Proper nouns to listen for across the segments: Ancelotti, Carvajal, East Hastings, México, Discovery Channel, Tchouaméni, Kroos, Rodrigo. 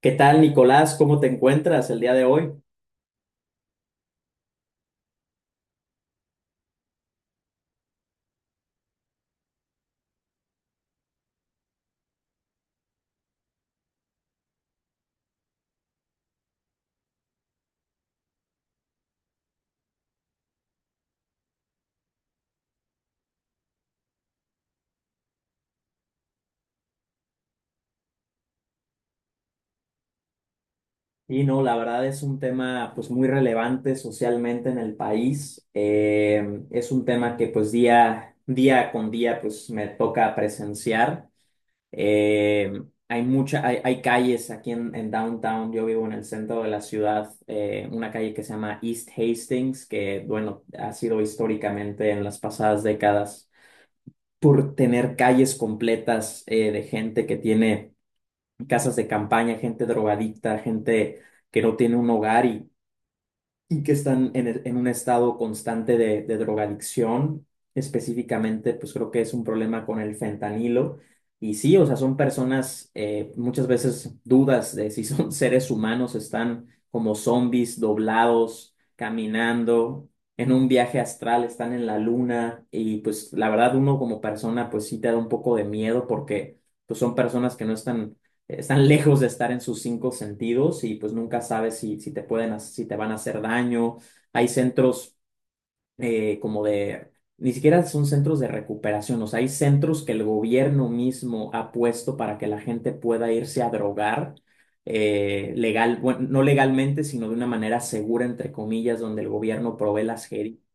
¿Qué tal, Nicolás? ¿Cómo te encuentras el día de hoy? Y no, la verdad es un tema pues muy relevante socialmente en el país. Es un tema que pues día con día pues me toca presenciar. Eh, hay calles aquí en Downtown. Yo vivo en el centro de la ciudad. Una calle que se llama East Hastings, que bueno, ha sido históricamente en las pasadas décadas por tener calles completas de gente que tiene casas de campaña, gente drogadicta, gente que no tiene un hogar, y que están en un estado constante de drogadicción. Específicamente, pues creo que es un problema con el fentanilo. Y sí, o sea, son personas, muchas veces dudas de si son seres humanos, están como zombies doblados, caminando. En un viaje astral, están en la luna, y pues la verdad uno como persona pues sí te da un poco de miedo, porque pues son personas que no están, están lejos de estar en sus cinco sentidos, y pues nunca sabes si te pueden, si te van a hacer daño. Hay centros eh, como de, ni siquiera son centros de recuperación, o sea, hay centros que el gobierno mismo ha puesto para que la gente pueda irse a drogar. Legal, bueno, no legalmente, sino de una manera segura, entre comillas, donde el gobierno provee las jeringas.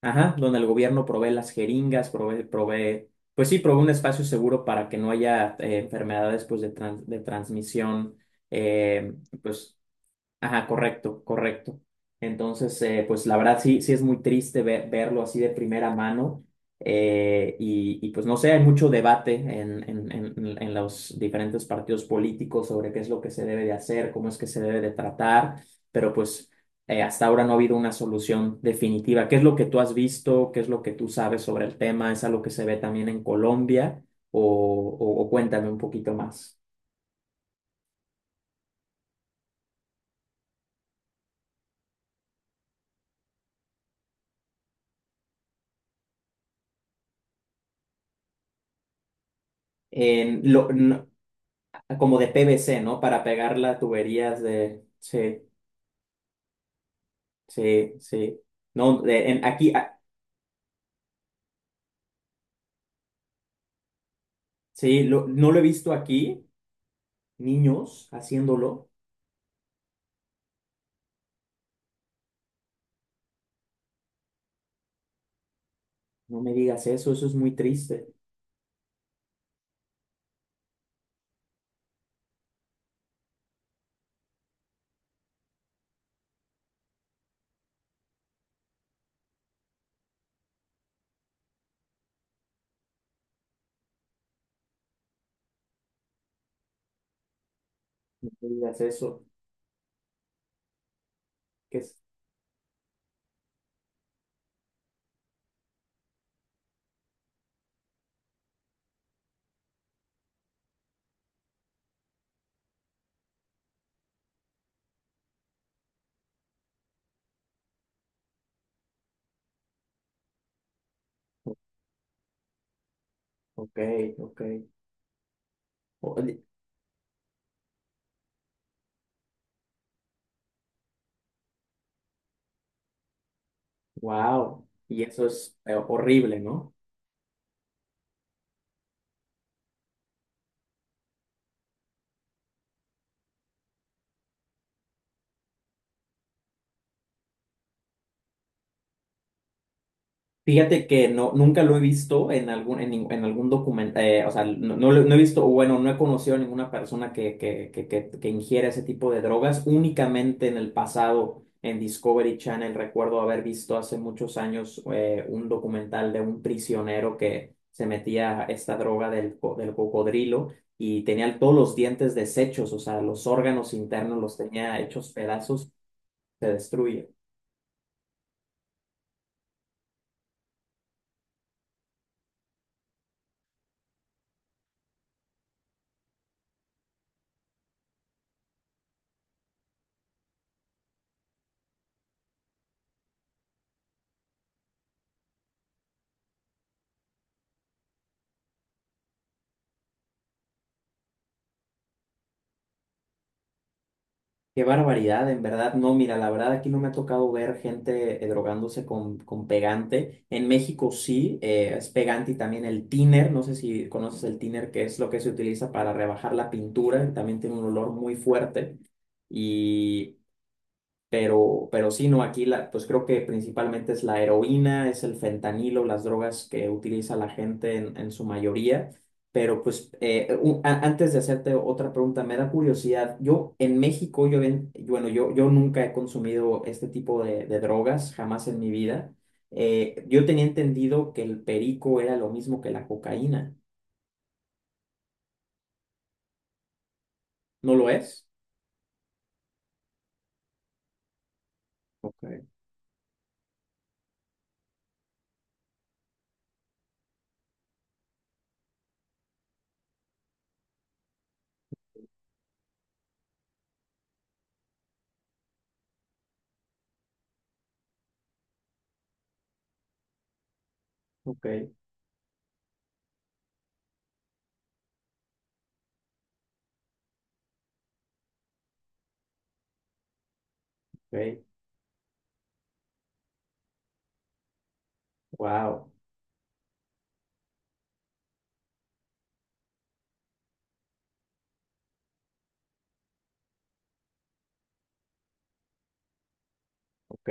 Ajá, donde el gobierno provee las jeringas, pues sí, provee un espacio seguro para que no haya enfermedades pues, de transmisión. eh, pues, Ajá, correcto, correcto. Entonces, pues la verdad sí, sí es muy triste verlo así de primera mano. Pues no sé, hay mucho debate en los diferentes partidos políticos sobre qué es lo que se debe de hacer, cómo es que se debe de tratar, pero pues hasta ahora no ha habido una solución definitiva. ¿Qué es lo que tú has visto? ¿Qué es lo que tú sabes sobre el tema? ¿Es algo que se ve también en Colombia? O, o cuéntame un poquito más. En lo, no, como de PVC, ¿no? Para pegar las tuberías de... Sí, sí, sí. No, de- en, Aquí, ah, sí, no lo he visto aquí, niños haciéndolo. No me digas eso, eso es muy triste. No me digas eso. ¿Qué es? Ok, ok. Wow. Y eso es horrible, ¿no? Fíjate que no, nunca lo he visto en algún documento, o sea, no he visto, o bueno, no he conocido a ninguna persona que ingiera ese tipo de drogas. Únicamente en el pasado, en Discovery Channel, recuerdo haber visto hace muchos años un documental de un prisionero que se metía esta droga del cocodrilo, y tenía todos los dientes deshechos, o sea, los órganos internos los tenía hechos pedazos, se destruye. Qué barbaridad, en verdad. No, mira, la verdad aquí no me ha tocado ver gente drogándose con pegante. En México sí, es pegante y también el thinner. No sé si conoces el thinner, que es lo que se utiliza para rebajar la pintura. También tiene un olor muy fuerte. Y pero sí, no, aquí la, pues creo que principalmente es la heroína, es el fentanilo, las drogas que utiliza la gente en su mayoría. Pero pues antes de hacerte otra pregunta, me da curiosidad. Yo en México, bueno, yo nunca he consumido este tipo de drogas, jamás en mi vida. Yo tenía entendido que el perico era lo mismo que la cocaína. ¿No lo es? Ok, ok, ok. Wow. Ok.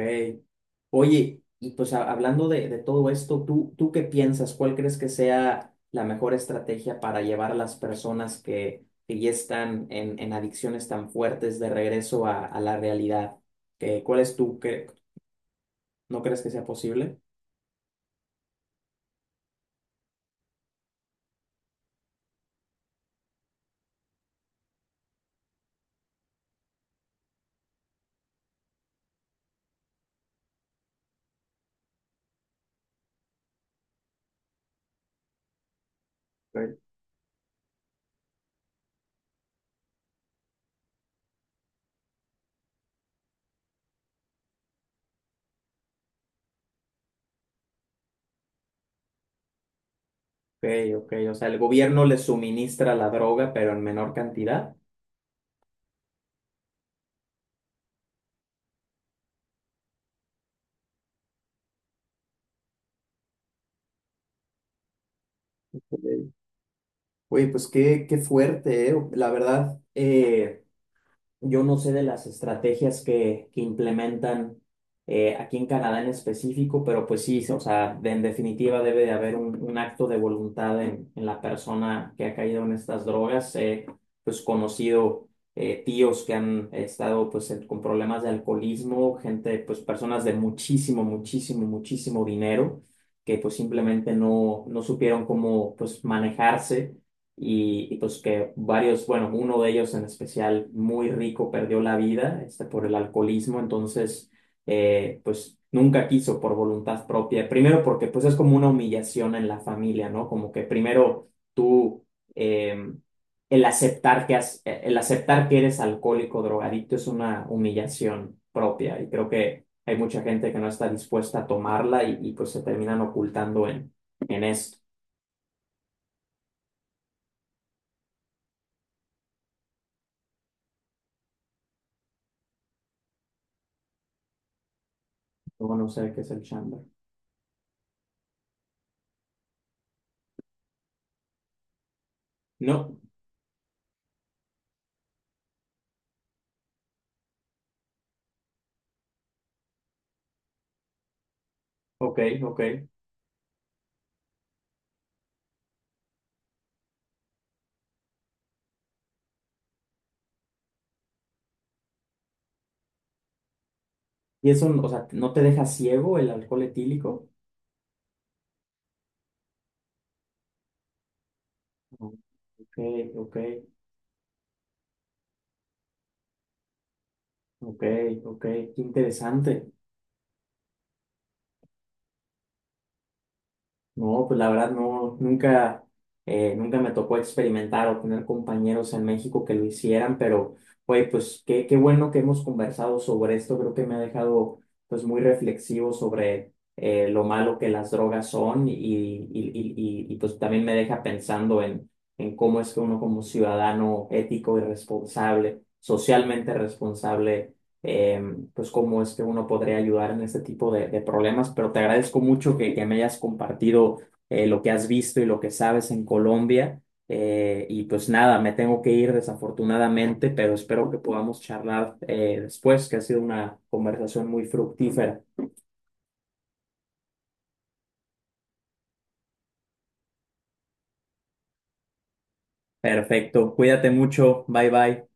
Oye, y pues hablando de todo esto, ¿tú, tú qué piensas? ¿Cuál crees que sea la mejor estrategia para llevar a las personas que ya están en adicciones tan fuertes de regreso a la realidad? ¿Qué- cuál es tu, cre- ¿No crees que sea posible? Ok, ok, o sea, el gobierno les suministra la droga, pero en menor cantidad. Ok. Oye, pues qué, qué fuerte, ¿eh? La verdad, yo no sé de las estrategias que implementan aquí en Canadá en específico, pero pues sí, o sea, de- en definitiva debe de haber un acto de voluntad en la persona que ha caído en estas drogas. He pues conocido tíos que han estado pues en- con problemas de alcoholismo, gente, pues personas de muchísimo, muchísimo, muchísimo dinero que pues simplemente no supieron cómo pues manejarse pues que varios, bueno, uno de ellos en especial muy rico perdió la vida este, por el alcoholismo, entonces pues nunca quiso por voluntad propia, primero porque pues es como una humillación en la familia, ¿no? Como que primero tú, eh, el aceptar que el aceptar que eres alcohólico, drogadicto es una humillación propia, y creo que hay mucha gente que no está dispuesta a tomarla pues se terminan ocultando en esto. Luego no sé qué es el chamber. No, Ok, ok. ¿Y eso, o sea, no te deja ciego el alcohol etílico? Ok, ok, ok, ok. Qué interesante. No, pues la verdad no, nunca, nunca me tocó experimentar o tener compañeros en México que lo hicieran, pero, güey, pues qué, qué bueno que hemos conversado sobre esto, creo que me ha dejado pues muy reflexivo sobre lo malo que las drogas son, pues también me deja pensando en cómo es que uno como ciudadano ético y responsable, socialmente responsable, eh, pues cómo es que uno podría ayudar en este tipo de problemas, pero te agradezco mucho que me hayas compartido lo que has visto y lo que sabes en Colombia. Y pues nada, me tengo que ir desafortunadamente, pero espero que podamos charlar después, que ha sido una conversación muy fructífera. Perfecto, cuídate mucho, bye bye.